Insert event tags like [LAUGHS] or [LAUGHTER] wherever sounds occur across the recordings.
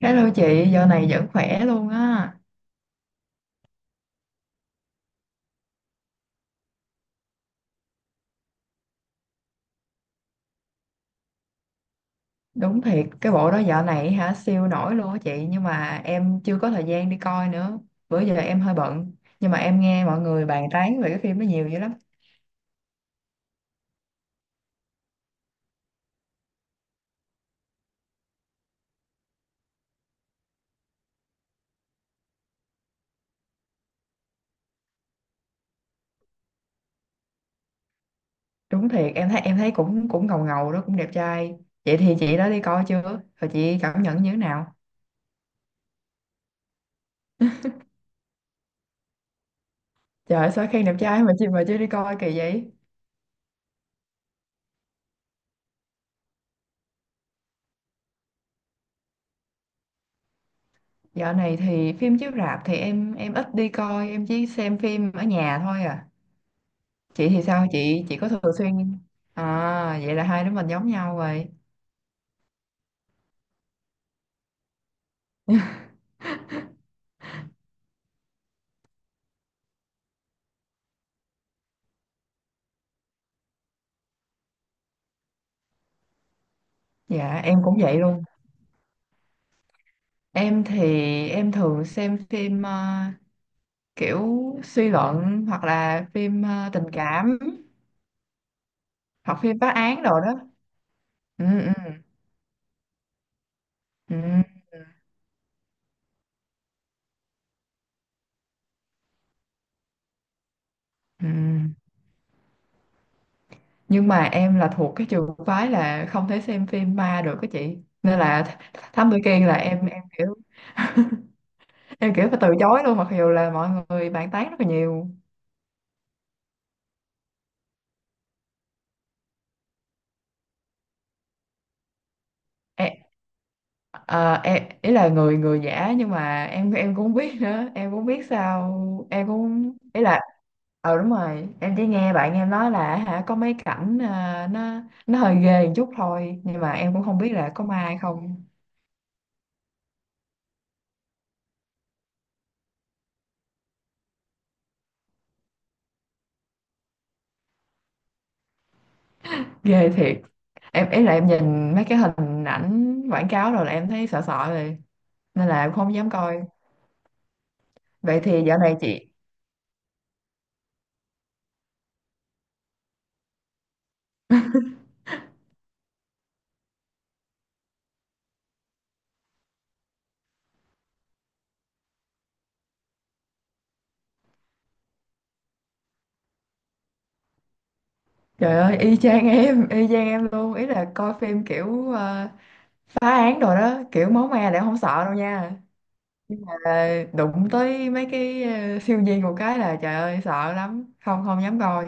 Hello chị, dạo này vẫn khỏe luôn á. Đúng thiệt, cái bộ đó dạo này hả siêu nổi luôn á chị, nhưng mà em chưa có thời gian đi coi nữa. Bữa giờ em hơi bận, nhưng mà em nghe mọi người bàn tán về cái phim đó nhiều dữ lắm. Đúng thiệt, em thấy cũng cũng ngầu ngầu đó, cũng đẹp trai. Vậy thì chị đã đi coi chưa? Rồi chị cảm nhận như thế nào? Trời ơi, sao khen đẹp trai mà chị mà chưa đi coi kỳ vậy? Dạo này thì phim chiếu rạp thì em ít đi coi, em chỉ xem phim ở nhà thôi à. Chị thì sao, chị có thường xuyên? À, vậy là hai đứa mình giống nhau rồi. Dạ em cũng vậy luôn. Em thì em thường xem phim kiểu suy luận, hoặc là phim tình cảm, hoặc phim phá án đồ đó. Ừ, ừ, ừ, ừ. Nhưng mà em là thuộc cái trường phái là không thể xem phim ma được á chị, nên là Thám Tử Kiên là em kiểu, em kiểu phải từ chối luôn mặc dù là mọi người bàn tán rất là nhiều. Ê, à, em ý là người người giả, nhưng mà em cũng không biết nữa, em cũng không biết sao, em cũng ý là... Đúng rồi, em chỉ nghe bạn em nói là hả có mấy cảnh à, nó hơi ghê một chút thôi, nhưng mà em cũng không biết là có ma hay không. Ghê thiệt. Em ý là em nhìn mấy cái hình ảnh quảng cáo rồi là em thấy sợ sợ rồi, nên là em không dám coi. Vậy thì dạo này chị... Trời ơi, y chang em, y chang em luôn. Ý là coi phim kiểu phá án rồi đó, kiểu máu me là em không sợ đâu nha. Ờ, Đụng tới mấy cái siêu nhiên một cái là trời ơi sợ lắm, không không dám coi.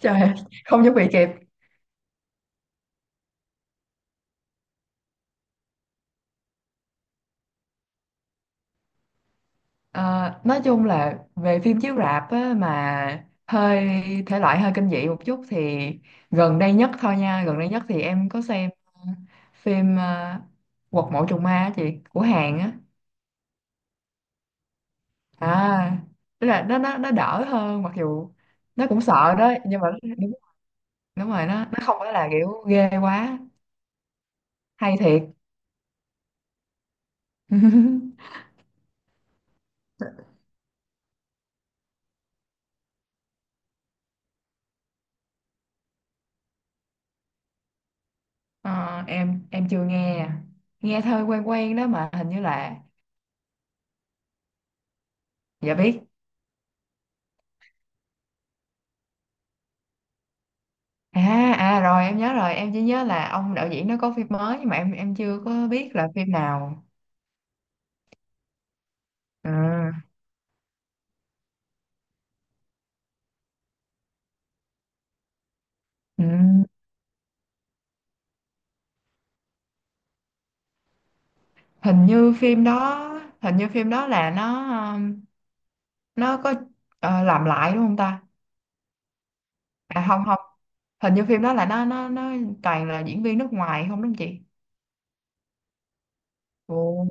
Trời [LAUGHS] ơi, không chuẩn bị kịp. Ờ, nói chung là về phim chiếu rạp á, mà hơi thể loại hơi kinh dị một chút thì gần đây nhất thôi nha, gần đây nhất thì em có xem phim Quật mộ trùng ma á chị, của Hàn á. À, tức là nó đỡ hơn, mặc dù nó cũng sợ đó, nhưng mà nó... đúng rồi, nó không phải là kiểu ghê quá. Hay thiệt. [LAUGHS] Ờ, em chưa nghe à. Nghe thôi quen quen đó, mà hình như là... dạ biết. À, à, rồi em nhớ rồi, em chỉ nhớ là ông đạo diễn nó có phim mới, nhưng mà em chưa có biết là phim nào. À, ừ. hình như phim đó Hình như phim đó là nó, um, nó có làm lại đúng không ta? À, không, không. Hình như phim đó là nó toàn là diễn viên nước ngoài không, đúng không chị? Ồ.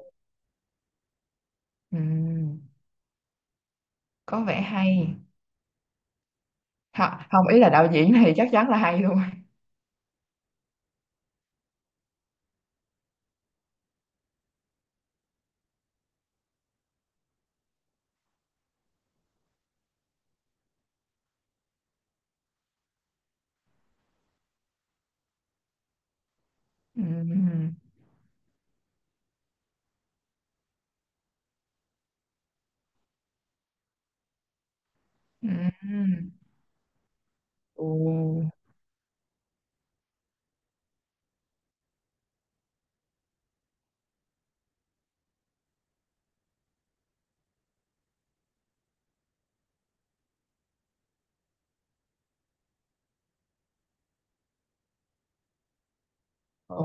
Ừ. Có vẻ hay. Không, ý là đạo diễn thì chắc chắn là hay luôn. Ừm, ừm. Ồ, ồ,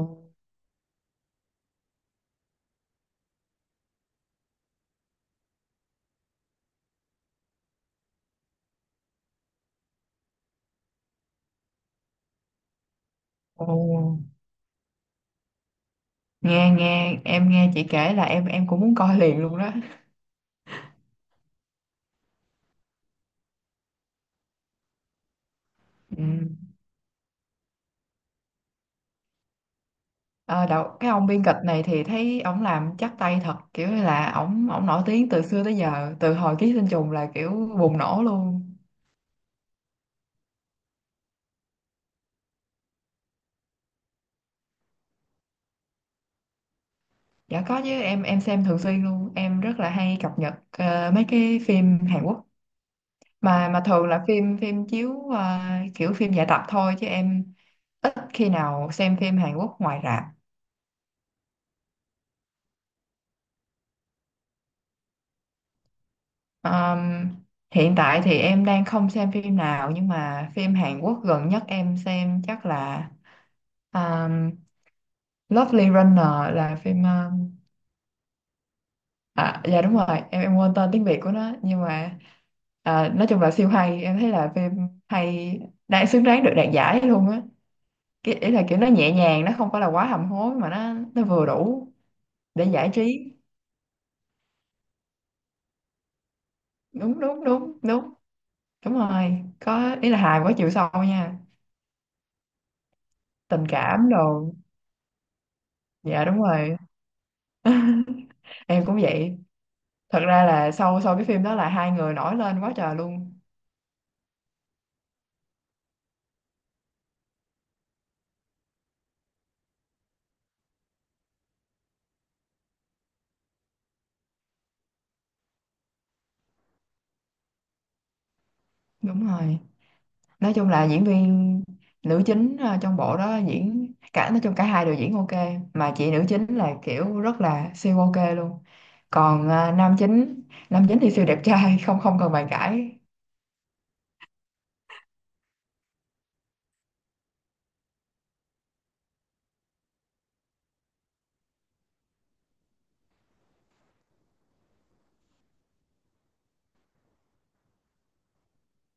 ồ. Nghe nghe em nghe chị kể là em cũng muốn coi liền luôn đó. Ừm. Cái ông biên kịch này thì thấy ổng làm chắc tay thật, kiểu như là ổng ổng nổi tiếng từ xưa tới giờ, từ hồi Ký Sinh Trùng là kiểu bùng nổ luôn. Dạ có chứ, em xem thường xuyên luôn, em rất là hay cập nhật mấy cái phim Hàn Quốc. Mà thường là phim phim chiếu à, kiểu phim giải tập thôi, chứ em ít khi nào xem phim Hàn Quốc ngoài rạp. Ờm, Hiện tại thì em đang không xem phim nào, nhưng mà phim Hàn Quốc gần nhất em xem chắc là um, Lovely Runner, là phim à dạ đúng rồi, em quên tên tiếng Việt của nó, nhưng mà à, nói chung là siêu hay. Em thấy là phim hay, đang xứng đáng được đạt giải luôn á. Cái ý là kiểu nó nhẹ nhàng, nó không phải là quá hầm hố, mà nó vừa đủ để giải trí. Đúng đúng đúng đúng. Đúng rồi, có ý là hài quá chiều sâu nha. Tình cảm đồ. Dạ đúng rồi. [LAUGHS] Em cũng vậy. Thật ra là sau sau cái phim đó là hai người nổi lên quá trời luôn. Đúng rồi, nói chung là diễn viên nữ chính trong bộ đó diễn, cả nói chung cả hai đều diễn ok, mà chị nữ chính là kiểu rất là siêu ok luôn. Còn nam chính thì siêu đẹp trai, không không cần bàn cãi.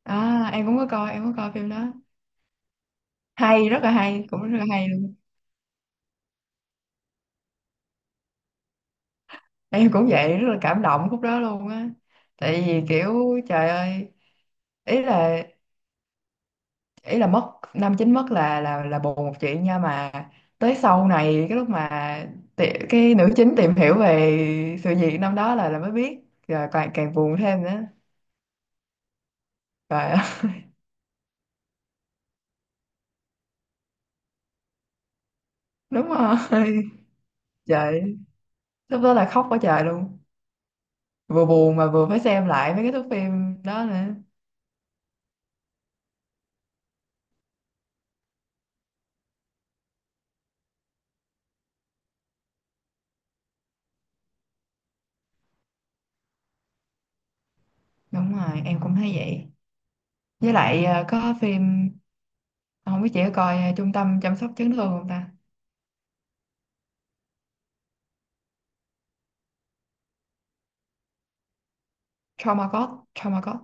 À em cũng có coi em có coi phim đó. Hay, rất là hay, cũng rất là hay luôn. Em cũng vậy, rất là cảm động khúc đó luôn á. Tại vì kiểu trời ơi, ý là ý là mất năm chín mất là buồn một chuyện nha, mà tới sau này cái lúc mà cái nữ chính tìm hiểu về sự việc năm đó là mới biết, rồi càng càng buồn thêm nữa. Trời ơi. [LAUGHS] Đúng rồi. Trời, lúc đó là khóc quá trời luôn, vừa buồn mà vừa phải xem lại mấy cái thước phim đó nữa. Đúng rồi, em cũng thấy vậy. Với lại có phim không biết chị có coi trung tâm chăm sóc chấn thương không ta? Trauma code, trauma code.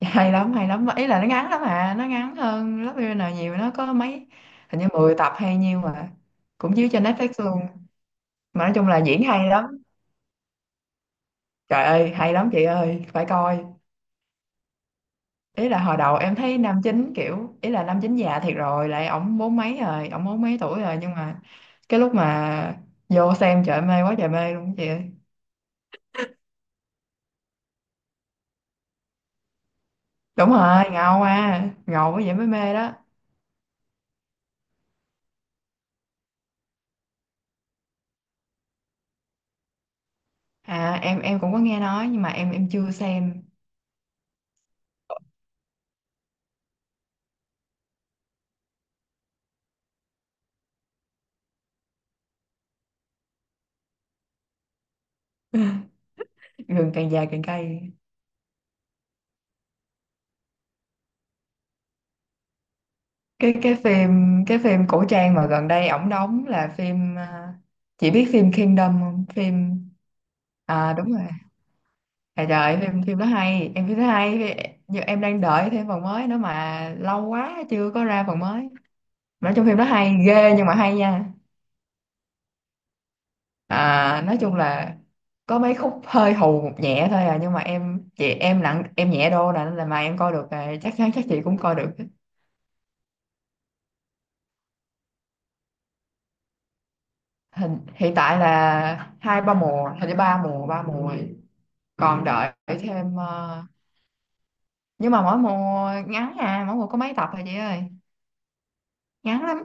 Dạ, [LAUGHS] hay lắm, hay lắm. Ý là nó ngắn lắm à, nó ngắn hơn lớp Villainer nhiều, nó có mấy... hình như 10 tập hay nhiêu mà cũng chiếu trên Netflix luôn. Mà nói chung là diễn hay lắm, trời ơi hay lắm chị ơi, phải coi. Ý là hồi đầu em thấy nam chính kiểu, ý là nam chính già thiệt rồi, lại ổng bốn mấy rồi, ổng bốn mấy tuổi rồi, nhưng mà cái lúc mà vô xem trời ơi, mê quá trời mê luôn chị ơi. Đúng rồi, ngầu à, ngầu quá vậy mới mê đó. À em cũng có nghe nói, nhưng mà em chưa xem. Gừng càng già càng cay. cái cái phim cái phim cổ trang mà gần đây ổng đóng là phim à, chị biết phim Kingdom không, phim? À đúng rồi. À trời ơi, phim phim đó hay em, phim đó hay nhưng em đang đợi thêm phần mới nữa mà lâu quá chưa có ra phần mới. Nói chung phim đó hay ghê, nhưng mà hay nha. À nói chung là có mấy khúc hơi hù một nhẹ thôi à, nhưng mà em chị em nặng em nhẹ đô là, nên là mà em coi được à, chắc chắn chắc chị cũng coi được. Hiện tại là hai ba mùa, hình như ba mùa rồi. Còn đợi thêm nhưng mà mỗi mùa ngắn à, mỗi mùa có mấy tập thôi chị ơi, ngắn lắm.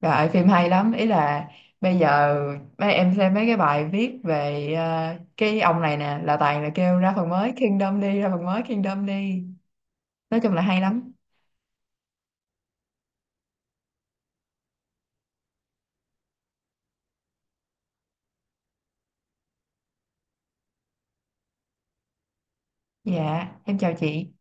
Đợi phim hay lắm, ý là bây giờ mấy em xem mấy cái bài viết về cái ông này nè, là toàn là kêu ra phần mới Kingdom đi, ra phần mới Kingdom đi. Nói chung là hay lắm. Dạ em chào chị.